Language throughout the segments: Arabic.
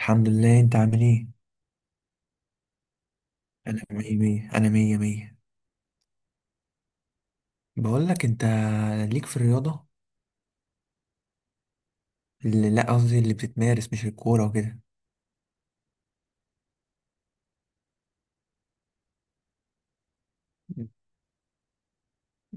الحمد لله. انت عامل ايه؟ انا مية مية، انا مية مية. بقول لك انت، ليك في الرياضة لا قصدي اللي بتتمارس، مش الكورة وكده.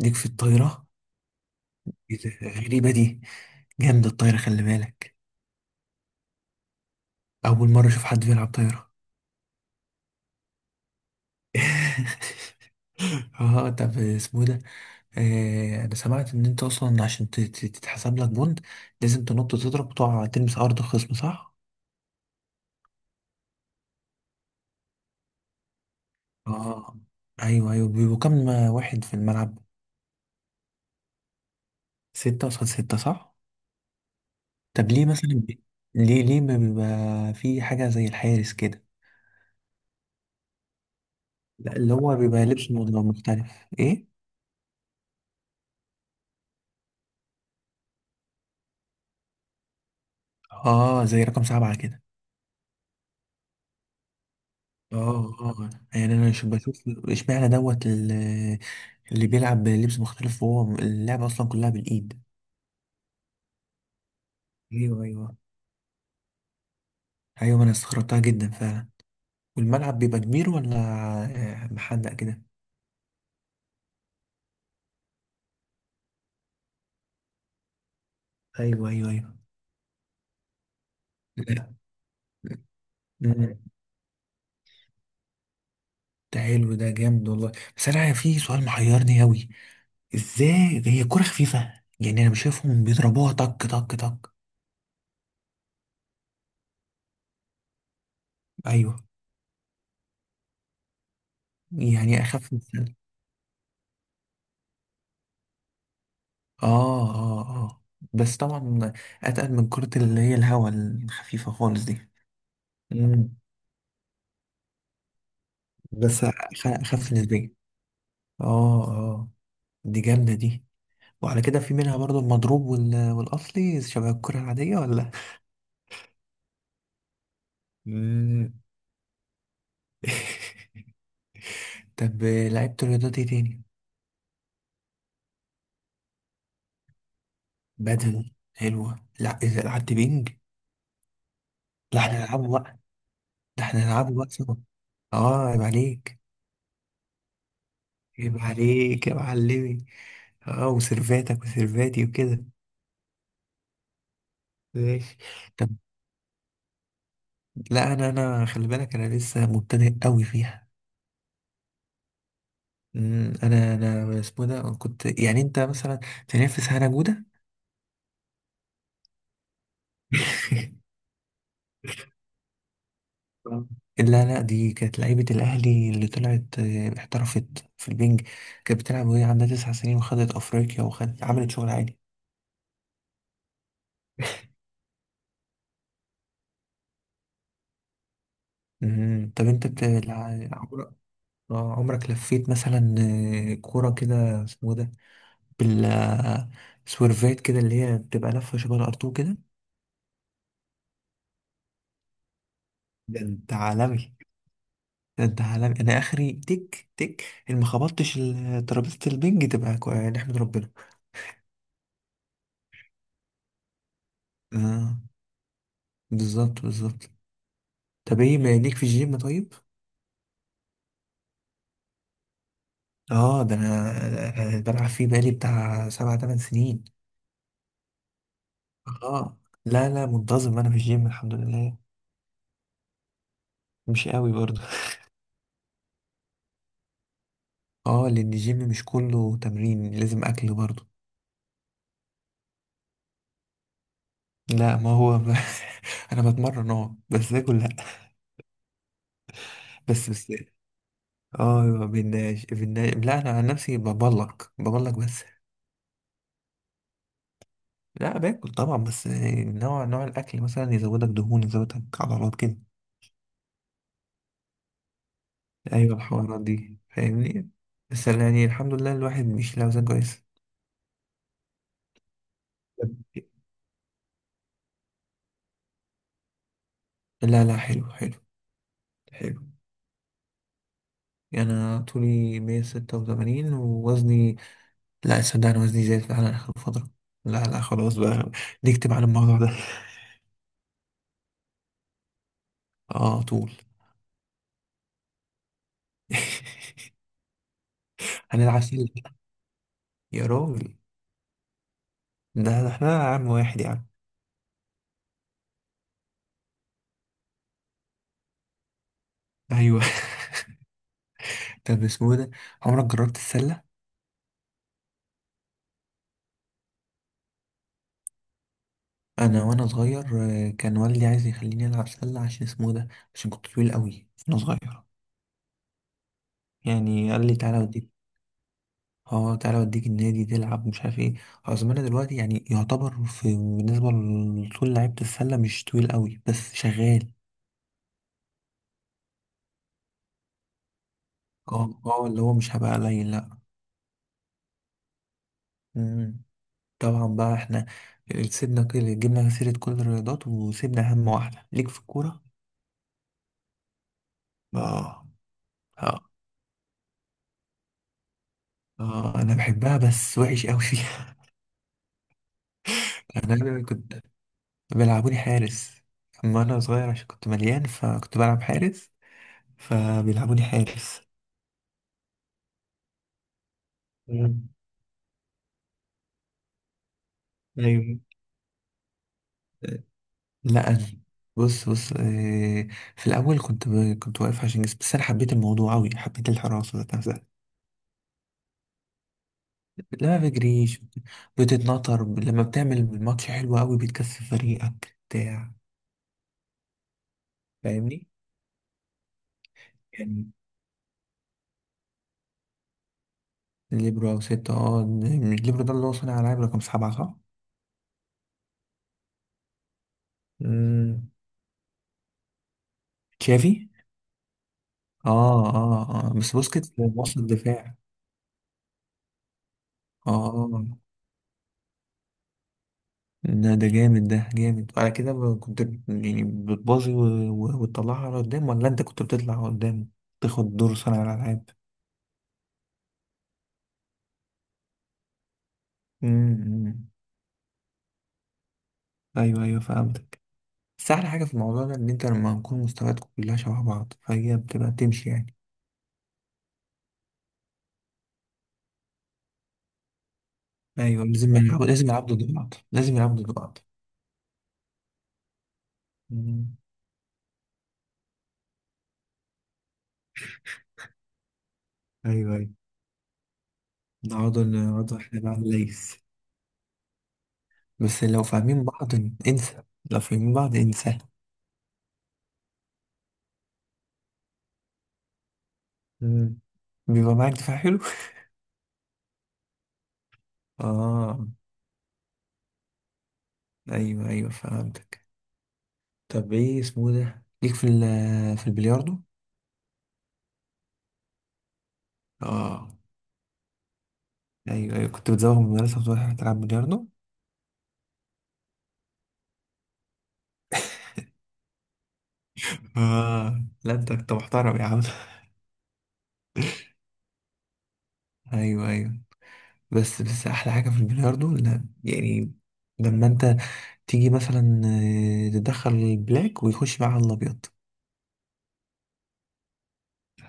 ليك في الطايرة؟ ايه ده؟ غريبة دي. جامدة الطايرة، خلي بالك. اول مرة اشوف حد بيلعب طايرة. اه، طب اسمه ده، انا سمعت ان انت اصلا عشان تتحسب لك بوند لازم تنط تضرب وتقع تلمس ارض الخصم، صح؟ اه. ايوه، ايوه، بيبقوا كام واحد في الملعب؟ ستة قصاد ستة، صح؟ طب ليه مثلا ليه ما بيبقى في حاجة زي الحارس كده؟ لا، اللي هو بيبقى لبسه مختلف. ايه؟ اه، زي رقم 7 كده. اه اه، يعني انا مش بشوف اشمعنى دوت اللي بيلعب بلبس مختلف وهو اللعبة اصلا كلها بالايد. ايوه، ايوه، ايوه، ما انا استغربتها جدا فعلا. والملعب بيبقى كبير ولا؟ محدق كده. ايوه، ايوه، ايوه. لا. مم. ده حلو، ده جامد والله. بس انا في سؤال محيرني اوي، ازاي ده؟ هي كرة خفيفة؟ يعني انا مش شايفهم بيضربوها طك طك طك. ايوه. يعني اخف من السله. اه، اه، اه، بس طبعا اتقل من كرة اللي هي الهوا الخفيفة خالص دي. مم. بس اخف نسبيا. اه، اه. دي جامدة دي. وعلى كده في منها برضو المضروب والاصلي شبه الكرة العادية ولا؟ مم. طب لعبت رياضات ايه تاني؟ بدل حلوة. لا، اذا لعبت بينج. لا، احنا نلعبه. ده احنا نلعبه بقى سوا. اه، عيب عليك. عيب عليك يا معلمي. اه، وسيرفاتك وسيرفاتي وكده. ماشي. طب لا، انا خلي بالك، انا لسه مبتدئ قوي فيها. انا اسمه ده، كنت يعني انت مثلا تنافس هنا جوده؟ آه. لا لا، دي كانت لعيبة الأهلي اللي طلعت احترفت في البنج. كانت بتلعب وهي عندها 9 سنين، وخدت أفريقيا وخدت، عملت شغل عالي. مم. طب أنت بتلعب؟ اه، عمرك لفيت مثلا كورة كده اسمه ده، بالسورفات كده اللي هي بتبقى لفة شبه الأرتو كده؟ ده انت عالمي. ده انت عالمي، انا اخري تك تك ان ما خبطتش ترابيزة البنج تبقى نحمد ربنا. اه، بالظبط بالظبط. طب ايه، ما ليك في الجيم طيب؟ اه، ده انا أنا بلعب فيه بقالي بتاع 7 8 سنين. اه، لا لا، منتظم انا في الجيم الحمد لله. مش قوي برضه. اه، لان الجيم مش كله تمرين، لازم اكل برضه. لا، ما هو انا بتمرن، بس اكل لا. بس اه، ما بيناش بيناش، لا انا عن نفسي ببلك ببلك بس. لا، باكل طبعا، بس نوع الاكل مثلا يزودك دهون، يزودك عضلات كده. ايوه، الحوارات دي فاهمني. بس يعني الحمد لله، الواحد بيشيل اوزان كويس. لا لا، حلو حلو. حلو. يعني انا طولي 186 ووزني، لا صدق، انا وزني زاد فعلا اخر فتره. لا لا، خلاص بقى. نكتب على الموضوع ده. اه، طول. هنلعب سلة. يا راجل، ده احنا عام واحد يا عم. ايوه. طب اسمه إيه ده، عمرك جربت السلة؟ انا وانا صغير كان والدي عايز يخليني العب سلة عشان اسمه إيه ده، عشان كنت طويل قوي وانا صغير. يعني قال لي تعالى اوديك. اه، تعالى اوديك النادي تلعب مش عارف ايه. اظن انا دلوقتي يعني يعتبر في بالنسبة لطول لعيبة السلة مش طويل قوي، بس شغال. اه، اه، اللي هو مش هبقى قليل، لا. مم. طبعا بقى احنا سيبنا، كل جبنا سيرة كل الرياضات، وسيبنا أهم واحدة ليك في الكورة. اه. اه، اه، أنا بحبها بس وحش أوي فيها. أنا كنت بيلعبوني حارس. أما أنا صغير عشان كنت مليان فكنت بلعب حارس، فبيلعبوني حارس. مم. أيوه. لا أنا بص بص في الأول كنت كنت واقف عشان جسمي، بس أنا حبيت الموضوع أوي، حبيت الحراسة. لا، ما بجريش. بتتنطر لما بتعمل ماتش حلو قوي، بتكسب فريقك بتاع. فاهمني. يعني ليبرو او ستة. اه، مش ليبرو ده اللي هو صانع العاب رقم 7 صح؟ امم. تشافي؟ اه، اه، اه، بس بوسكيتس وسط الدفاع. اه، آه. ده، ده جامد، ده جامد. وعلى كده كنت يعني بتبازي وتطلعها على قدام، ولا انت كنت بتطلع قدام تاخد دور صانع الالعاب؟ امم، أمم. ايوه، ايوه، فهمتك. بس أحلى حاجة في الموضوع ده إن أنت لما نكون مستوياتكم كلها شبه بعض فهي بتبقى تمشي يعني. أيوة، لازم يلعبوا ضد بعض، لازم يلعبوا ضد بعض. مم. ايوه، ايوه. نقعدوا احنا بقى ليس. بس لو فاهمين بعض انسى، لو فاهمين بعض انسى. مم. بيبقى معاك دفاع حلو. اه. ايوه، ايوه، فهمتك. طب ايه اسمه ده، ليك في في البلياردو؟ اه. ايوو، ايوه، كنت بتزوغ من المدرسة وتروح تلعب بلياردو؟ اه، لا، انت محترم يا عم. ايوه، ايوه. بس احلى حاجه في البلياردو، لا يعني، لما انت تيجي مثلا تدخل البلاك ويخش معاها الابيض.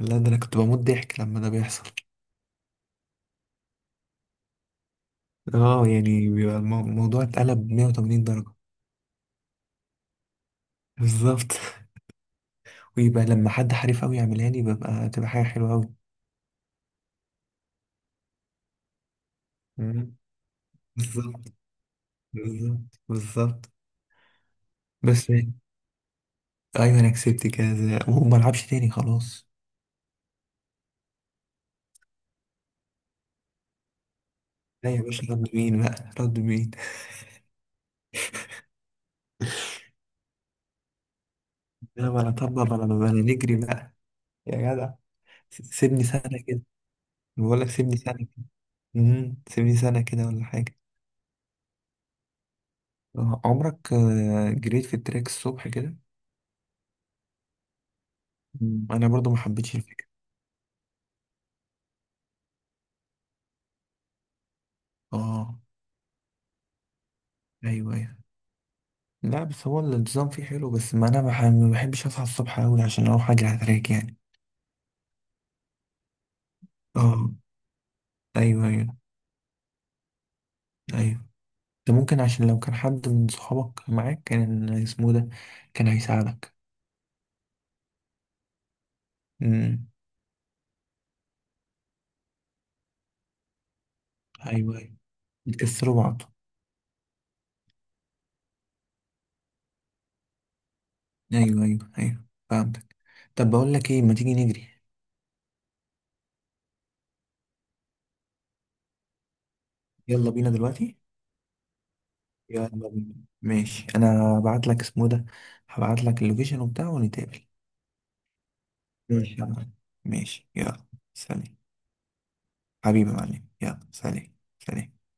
لا، ده انا كنت بموت ضحك لما ده بيحصل. اه، يعني بيبقى الموضوع اتقلب 180 درجه. بالظبط. ويبقى لما حد حريف قوي يعملها لي تبقى حاجه حلوه قوي. مم. بالظبط، بالظبط، بالظبط. بس، ايوه، انا كسبت كذا وما العبش تاني خلاص. لا يا باشا، رد مين بقى، رد مين. لا، بلا طبل، بلا بلا، نجري بقى. يا جدع، سيبني سنة كده. بقول لك سيبني سنة كده. سيبني سنة كده ولا حاجة. عمرك جريت في التراك الصبح كده؟ انا برضو ما حبيتش الفكرة. اه، ايوه، ايوه. لا، بس هو النظام فيه حلو، بس ما انا بح- ما بحبش اصحى الصبح قوي عشان اروح اجري على التراك يعني. اه، ايوه، ايوه، ايوه. ده ممكن عشان لو كان حد من صحابك معاك كان اسمه ده، كان هيساعدك. امم. ايوه، ايوه، بتكسروا بعض. ايوه، ايوه، ايوه، فهمتك. طب بقول لك ايه، ما تيجي نجري؟ يلا بينا دلوقتي. يلا بينا. ماشي، انا هبعت لك اسمه ده، هبعت لك اللوكيشن وبتاع ونتقابل. ماشي، يلا. ماشي، يلا. سلام. حبيبي يا معلم، يلا، سلام، سلام.